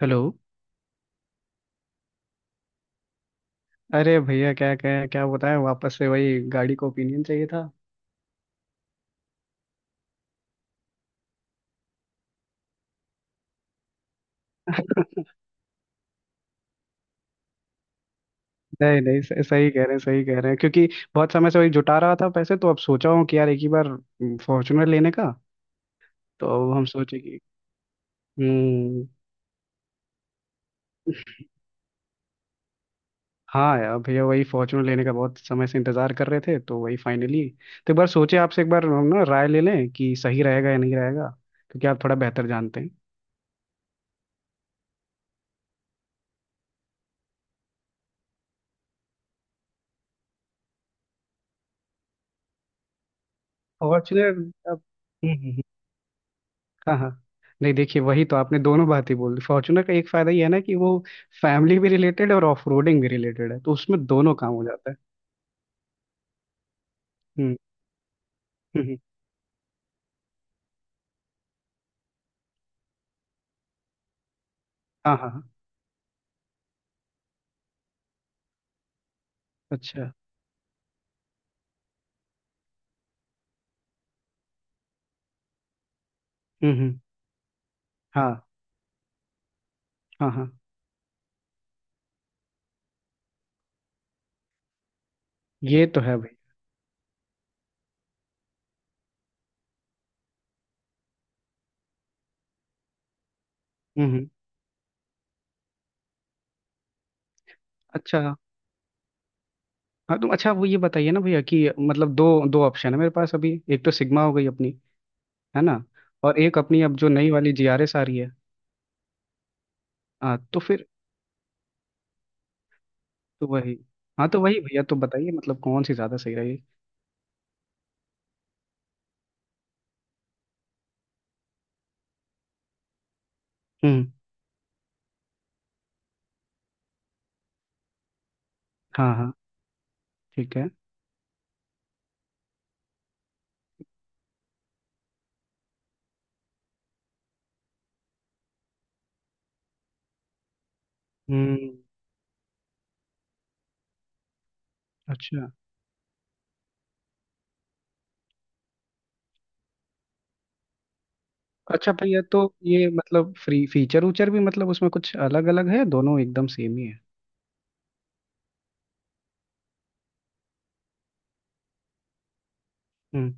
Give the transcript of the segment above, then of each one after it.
Hello. अरे भैया, क्या बताया, वापस से वही गाड़ी को ओपिनियन चाहिए था। नहीं नहीं, सही सही कह रहे हैं, सही कह रहे हैं, क्योंकि बहुत समय से वही जुटा रहा था पैसे, तो अब सोचा हूँ कि यार एक ही बार फॉर्चुनर लेने का। तो अब हम सोचे कि। हम्म। हाँ यार भैया, वही फॉर्चुनर लेने का बहुत समय से इंतजार कर रहे थे, तो वही फाइनली। तो एक बार सोचे आपसे, एक बार हम ना राय ले लें कि सही रहेगा या नहीं रहेगा, क्योंकि आप थोड़ा बेहतर जानते हैं। फॉर्चुनर। अब। हम्म। हाँ हाँ। नहीं, देखिए, वही तो आपने दोनों बात ही बोल दी। फॉर्चुनर का एक फायदा ये है ना कि वो फैमिली भी रिलेटेड है और ऑफ रोडिंग भी रिलेटेड है, तो उसमें दोनों काम हो जाता है। हम्म हम्म। हम्म। हाँ हाँ हाँ। अच्छा। हम्म। हाँ हाँ हाँ। ये तो है भाई। हम्म। अच्छा। हाँ, तुम, अच्छा वो ये बताइए ना भैया, कि मतलब दो दो ऑप्शन है मेरे पास अभी। एक तो सिग्मा हो गई अपनी, है ना। और एक अपनी अब जो नई वाली GRS आ रही है। हाँ तो फिर, तो वही। हाँ तो वही भैया, तो बताइए मतलब कौन सी ज़्यादा सही रहेगी। हम्म। हाँ हाँ। ठीक है। हम्म। अच्छा। अच्छा भैया, तो ये मतलब फ्री फीचर उचर भी, मतलब उसमें कुछ अलग अलग है, दोनों एकदम सेम ही है। हम्म।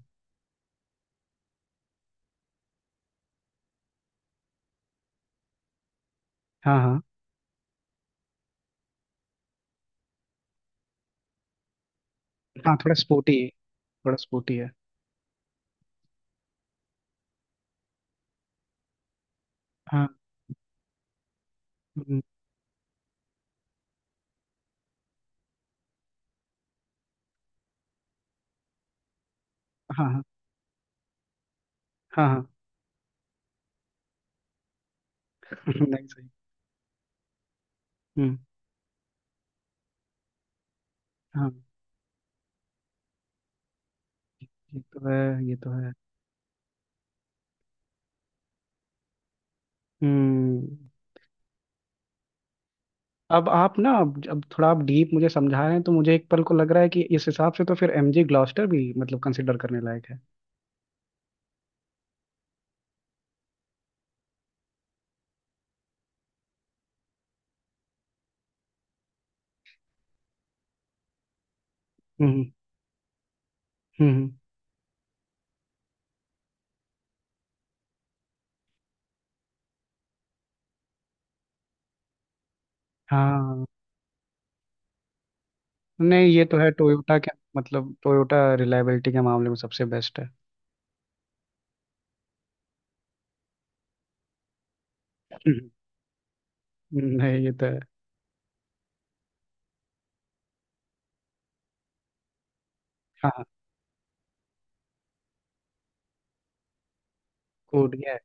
हाँ हाँ हाँ। थोड़ा स्पोर्टी है, थोड़ा स्पोर्टी है। हाँ। हम्म। हाँ हाँ हाँ हाँ। नहीं सही। हम्म। हाँ। ये तो है, ये तो है। हम्म। अब आप ना, अब थोड़ा आप डीप मुझे समझा रहे हैं, तो मुझे एक पल को लग रहा है कि इस हिसाब से तो फिर MG ग्लॉस्टर भी मतलब कंसिडर करने लायक है। हम्म हम्म। हाँ। नहीं, ये तो है टोयोटा के, मतलब टोयोटा रिलायबिलिटी के मामले में सबसे बेस्ट है। नहीं ये तो है। हाँ हाँ। कोड ये है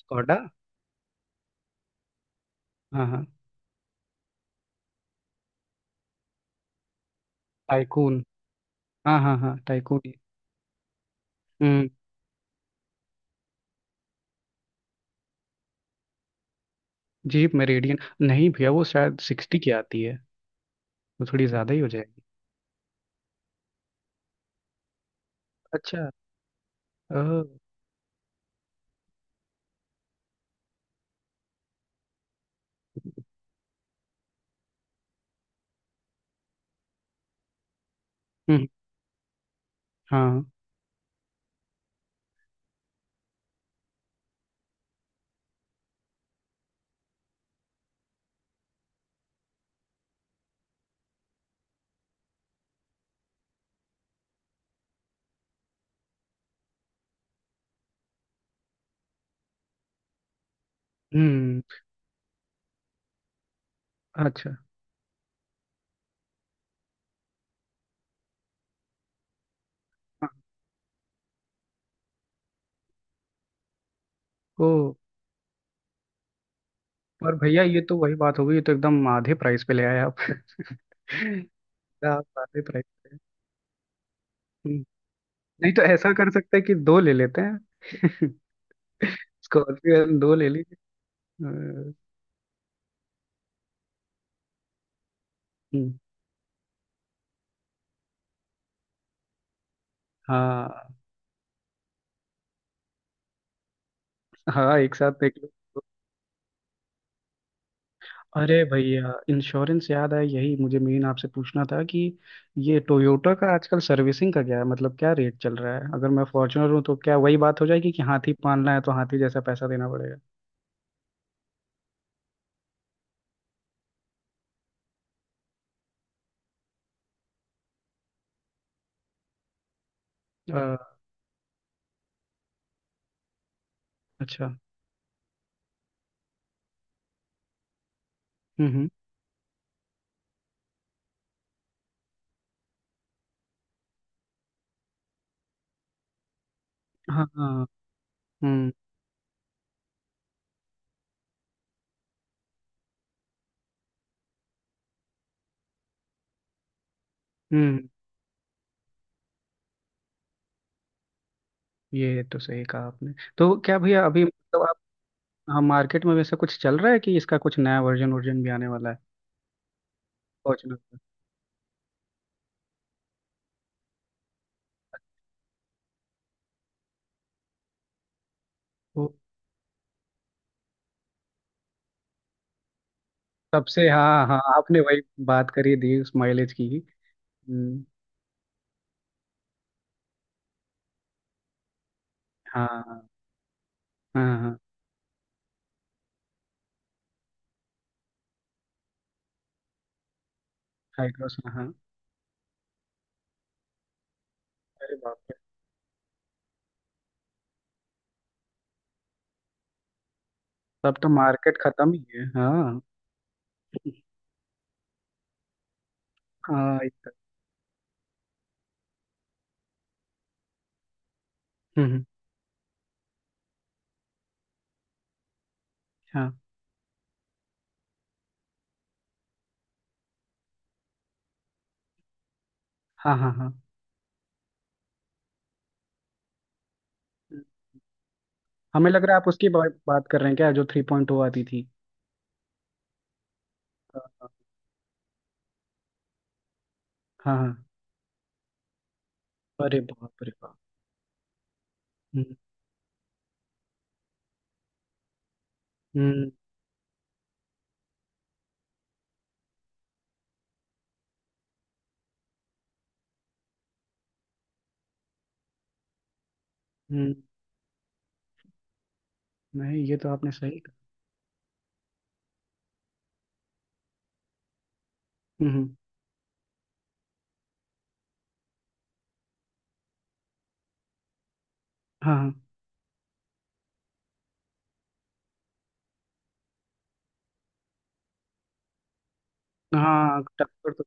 स्कोडा। हाँ हाँ। टाइकून। हाँ हाँ हाँ, टाइकून ही। हम्म। Jeep Meridian. नहीं भैया, वो शायद 60 की आती है। वो थोड़ी ज्यादा ही हो जाएगी। अच्छा। ओ। हम्म। हाँ। हम्म। अच्छा। हाँ। ओ। पर भैया, ये तो वही बात हो गई, ये तो एकदम आधे प्राइस पे ले आए आप। आप आधे प्राइस पे। हम्म। नहीं तो ऐसा कर सकते हैं कि दो ले लेते हैं। स्कॉर्पियो दो ले लीजिए। अ, हम्म। हाँ हाँ, एक साथ देख लो। अरे भैया, इंश्योरेंस याद आया, यही मुझे मेन आपसे पूछना था कि ये टोयोटा का आजकल सर्विसिंग का क्या है, मतलब क्या रेट चल रहा है, अगर मैं फॉर्च्यूनर हूँ तो क्या वही बात हो जाएगी कि हाथी पालना है तो हाथी जैसा पैसा देना पड़ेगा। अ, अच्छा। हम्म। हाँ हाँ। हम्म हम्म। ये तो सही कहा आपने, तो क्या भैया, अभी मतलब आप, हाँ, मार्केट में वैसा कुछ चल रहा है कि इसका कुछ नया वर्जन वर्जन भी आने वाला है, फॉर्च्यूनर का? तो सबसे, हाँ हाँ, आपने वही बात करी दी उस माइलेज की। हम्म। हाँ हाँ हाँ हाँ। हाइड्रोस, हाँ। अरे बाप रे। तब तो मार्केट खत्म ही है, हाँ। हाँ। हम्म। हाँ हाँ हाँ हाँ। हम्म। हमें लग रहा है आप उसकी बात कर रहे हैं, क्या जो 3.2 आती थी? हाँ हाँ हाँ हाँ। अरे बाप रे बाप। हम्म हम्म हम्म। नहीं, ये तो आपने सही कहा। हम्म। हाँ हाँ हाँ, टक्कर तो।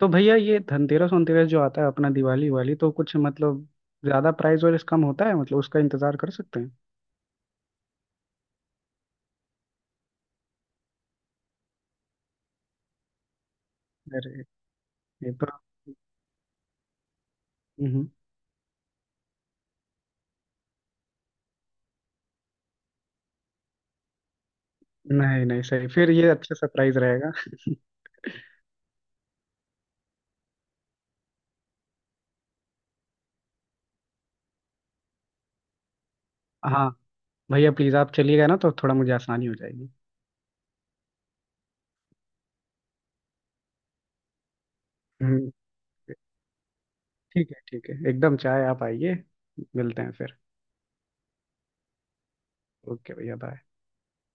तो भैया, ये धनतेरस वनतेरस जो आता है अपना, दिवाली वाली, तो कुछ मतलब ज्यादा प्राइस और इस कम होता है, मतलब उसका इंतजार कर सकते हैं? अरे। ये तो। हम्म। नहीं नहीं, सही। फिर ये अच्छा सरप्राइज रहेगा। हाँ। भैया प्लीज, आप चलिएगा ना तो थोड़ा मुझे आसानी हो जाएगी। हम्म। ठीक है ठीक है, एकदम चाहे आप आइए। मिलते हैं फिर। ओके भैया, बाय।